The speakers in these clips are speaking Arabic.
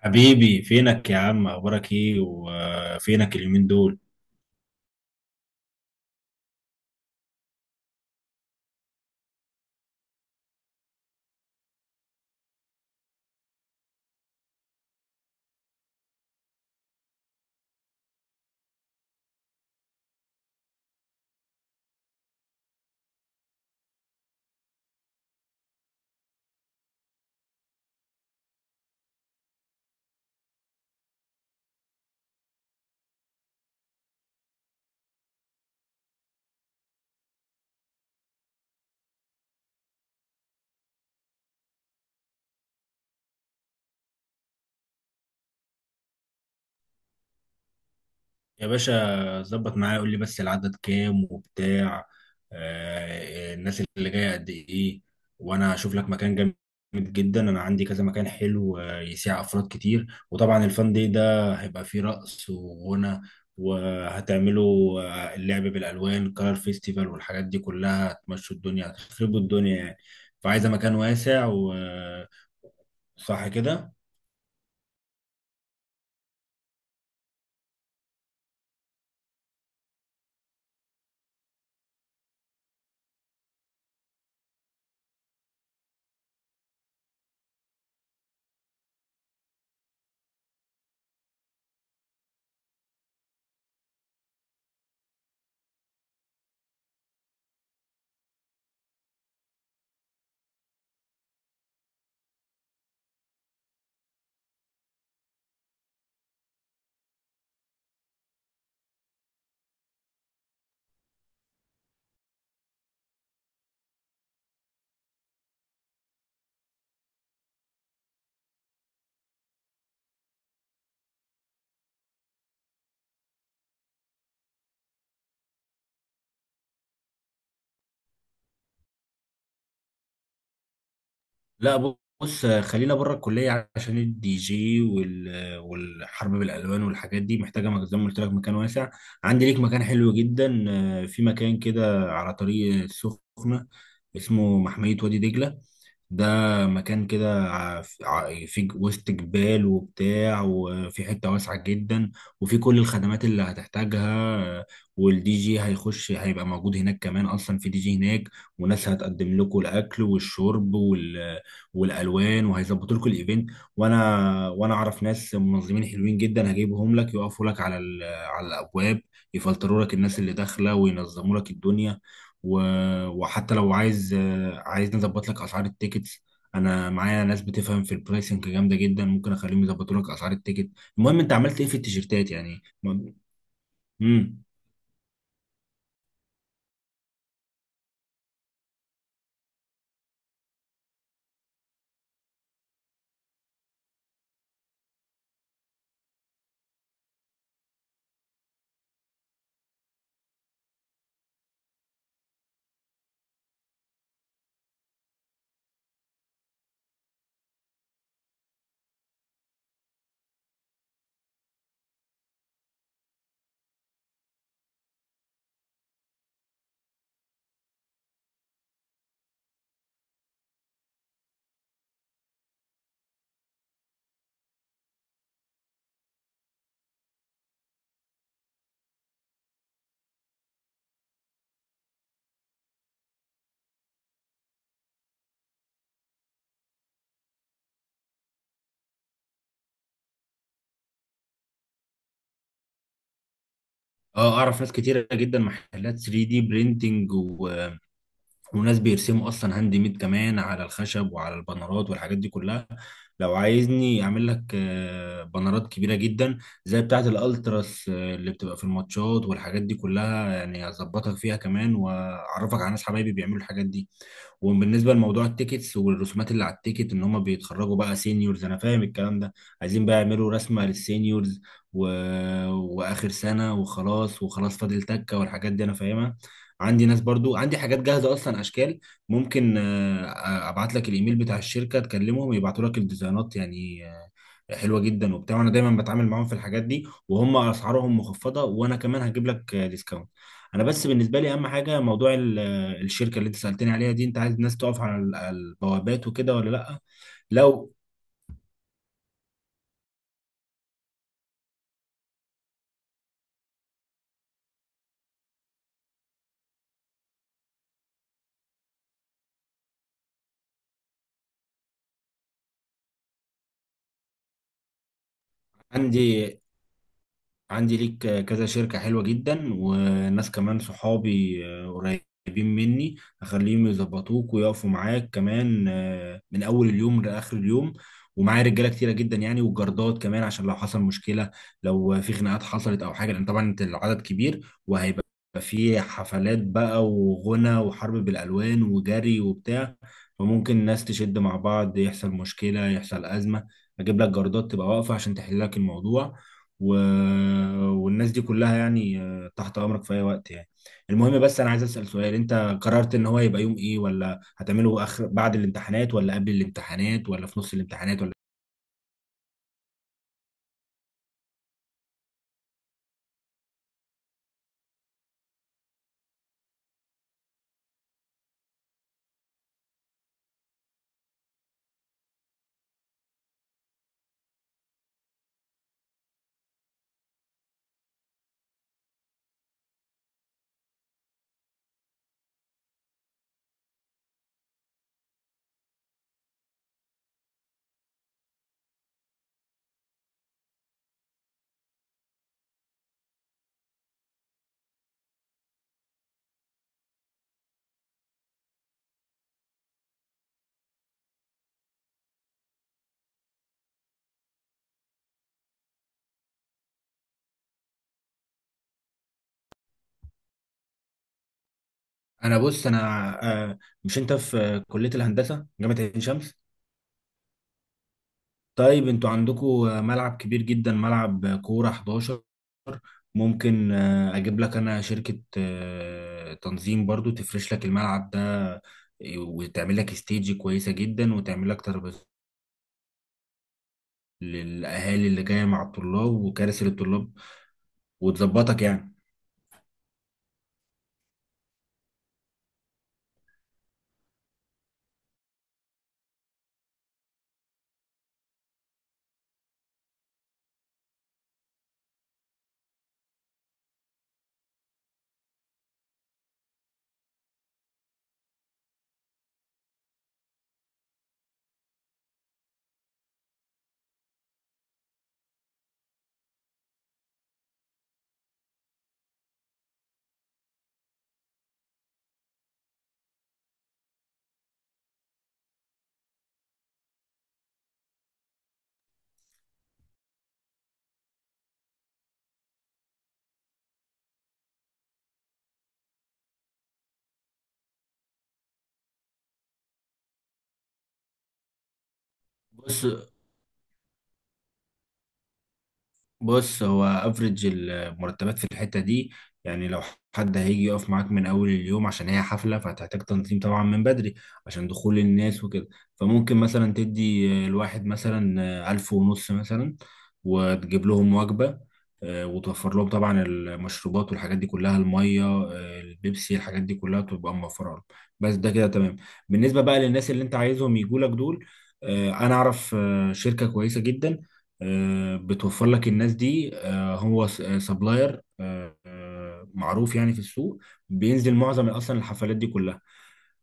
حبيبي فينك يا عم، اخبارك ايه وفينك اليومين دول؟ يا باشا ظبط معايا، قول لي بس العدد كام وبتاع. الناس اللي جايه قد ايه؟ وانا هشوف لك مكان جامد جدا. انا عندي كذا مكان حلو، يسيع افراد كتير. وطبعا الفان دي ده هيبقى فيه رقص وغنى، وهتعملوا، اللعب بالالوان، كار فيستيفال والحاجات دي كلها. هتمشوا الدنيا، هتخربوا الدنيا يعني. فعايزه مكان واسع و آه، صح كده. لا، بص، خلينا بره الكليه، عشان الدي جي والحرب بالالوان والحاجات دي محتاجه زي ما قلت لك مكان واسع. عندي ليك مكان حلو جدا، في مكان كده على طريق السخنه، اسمه محميه وادي دجله. ده مكان كده في وسط جبال وبتاع، وفي حتة واسعة جدا، وفي كل الخدمات اللي هتحتاجها. والدي جي هيخش، هيبقى موجود هناك، كمان أصلا في دي جي هناك. وناس هتقدم لكم الأكل والشرب والالوان، وهيظبطوا لكم الايفنت. وانا اعرف ناس منظمين حلوين جدا هجيبهم لك، يقفوا لك على على الابواب، يفلتروا لك الناس اللي داخله، وينظموا لك الدنيا. و... وحتى لو عايز، عايز نظبط لك اسعار التيكتس، انا معايا ناس بتفهم في البرايسنج جامده جدا، ممكن اخليهم يظبطوا لك اسعار التيكت. المهم انت عملت ايه في التيشيرتات يعني امم اه، اعرف ناس كتيره جدا، محلات 3 دي برينتنج، وناس بيرسموا اصلا هاند ميد كمان على الخشب وعلى البنرات والحاجات دي كلها. لو عايزني اعمل لك، بنرات كبيره جدا زي بتاعه الالتراس، اللي بتبقى في الماتشات والحاجات دي كلها، يعني هظبطك فيها كمان، واعرفك على ناس حبايبي بيعملوا الحاجات دي. وبالنسبه لموضوع التيكتس والرسومات اللي على التيكت، ان هم بيتخرجوا بقى سينيورز، انا فاهم الكلام ده. عايزين بقى يعملوا رسمه للسينيورز و... واخر سنه وخلاص، وخلاص فاضل تكه والحاجات دي انا فاهمها. عندي ناس برضو، عندي حاجات جاهزه اصلا، اشكال. ممكن، ابعت لك الايميل بتاع الشركه، تكلمهم يبعتوا لك الديزاينات يعني، حلوه جدا وبتاع. انا دايما بتعامل معاهم في الحاجات دي، وهم اسعارهم مخفضه، وانا كمان هجيب لك، ديسكاونت. انا بس بالنسبه لي اهم حاجه موضوع الشركه اللي انت سالتني عليها دي، انت عايز الناس تقف على على البوابات وكده ولا لا؟ لو عندي عندي ليك كذا شركة حلوة جدا، وناس كمان صحابي، قريبين مني، هخليهم يظبطوك ويقفوا معاك كمان، من أول اليوم لآخر اليوم. ومعايا رجالة كتيرة جدا يعني، وجردات كمان، عشان لو حصل مشكلة، لو في خناقات حصلت أو حاجة، لأن طبعا أنت العدد كبير، وهيبقى في حفلات بقى وغنى وحرب بالألوان وجري وبتاع، فممكن الناس تشد مع بعض، يحصل مشكلة، يحصل أزمة. أجيب لك جردات تبقى واقفة عشان تحل لك الموضوع و... والناس دي كلها يعني، تحت امرك في اي وقت يعني. المهم بس انا عايز اسال سؤال، انت قررت ان هو يبقى يوم ايه؟ ولا هتعمله اخر، بعد الامتحانات، ولا قبل الامتحانات، ولا في نص الامتحانات، ولا؟ بص، آه، مش انت في كليه الهندسه جامعه عين شمس؟ طيب انتوا عندكم ملعب كبير جدا، ملعب كوره 11. ممكن، اجيب لك انا شركه، تنظيم برضو، تفرش لك الملعب ده، آه، وتعمل لك استيج كويسه جدا، وتعمل لك ترابيزات للاهالي اللي جايه مع الطلاب، وكراسي للطلاب، وتظبطك يعني. بص بص، هو افريج المرتبات في الحته دي يعني، لو حد هيجي يقف معاك من اول اليوم، عشان هي حفله فهتحتاج تنظيم طبعا من بدري عشان دخول الناس وكده، فممكن مثلا تدي الواحد مثلا 1500 مثلا، وتجيب لهم وجبه، وتوفر لهم طبعا المشروبات والحاجات دي كلها، الميه، البيبسي، الحاجات دي كلها تبقى موفره لهم، بس ده كده تمام. بالنسبه بقى للناس اللي انت عايزهم يجوا لك دول، انا اعرف، شركه كويسه جدا، بتوفر لك الناس دي، هو سبلاير معروف يعني في السوق، بينزل معظم اصلا الحفلات دي كلها،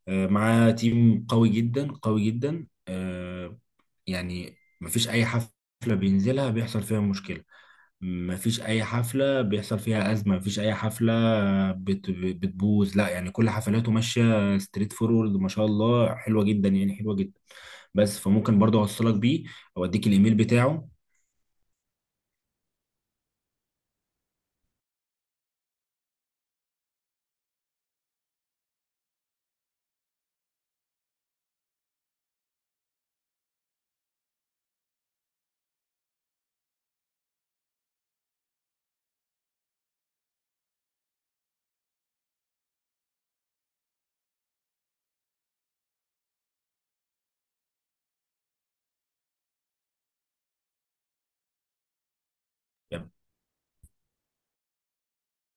معاه تيم قوي جدا قوي جدا، يعني مفيش اي حفلة بينزلها بيحصل فيها مشكلة، مفيش اي حفلة بيحصل فيها أزمة، مفيش اي حفلة بتبوظ، لا يعني كل حفلاته ماشية ستريت فورورد ما شاء الله، حلوة جدا يعني، حلوة جدا. بس فممكن برضه اوصلك بيه، او اديك الايميل بتاعه.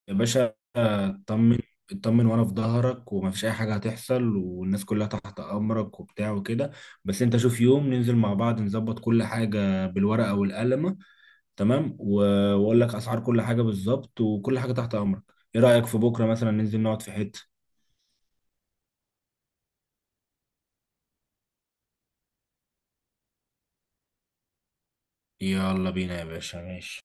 يا باشا اطمن، اطمن، وانا في ظهرك، ومفيش اي حاجه هتحصل، والناس كلها تحت امرك وبتاع وكده. بس انت شوف يوم ننزل مع بعض، نظبط كل حاجه بالورقه والقلمه، تمام واقول لك اسعار كل حاجه بالظبط، وكل حاجه تحت امرك. ايه رايك في بكره مثلا ننزل نقعد في حته؟ يلا بينا يا باشا، ماشي.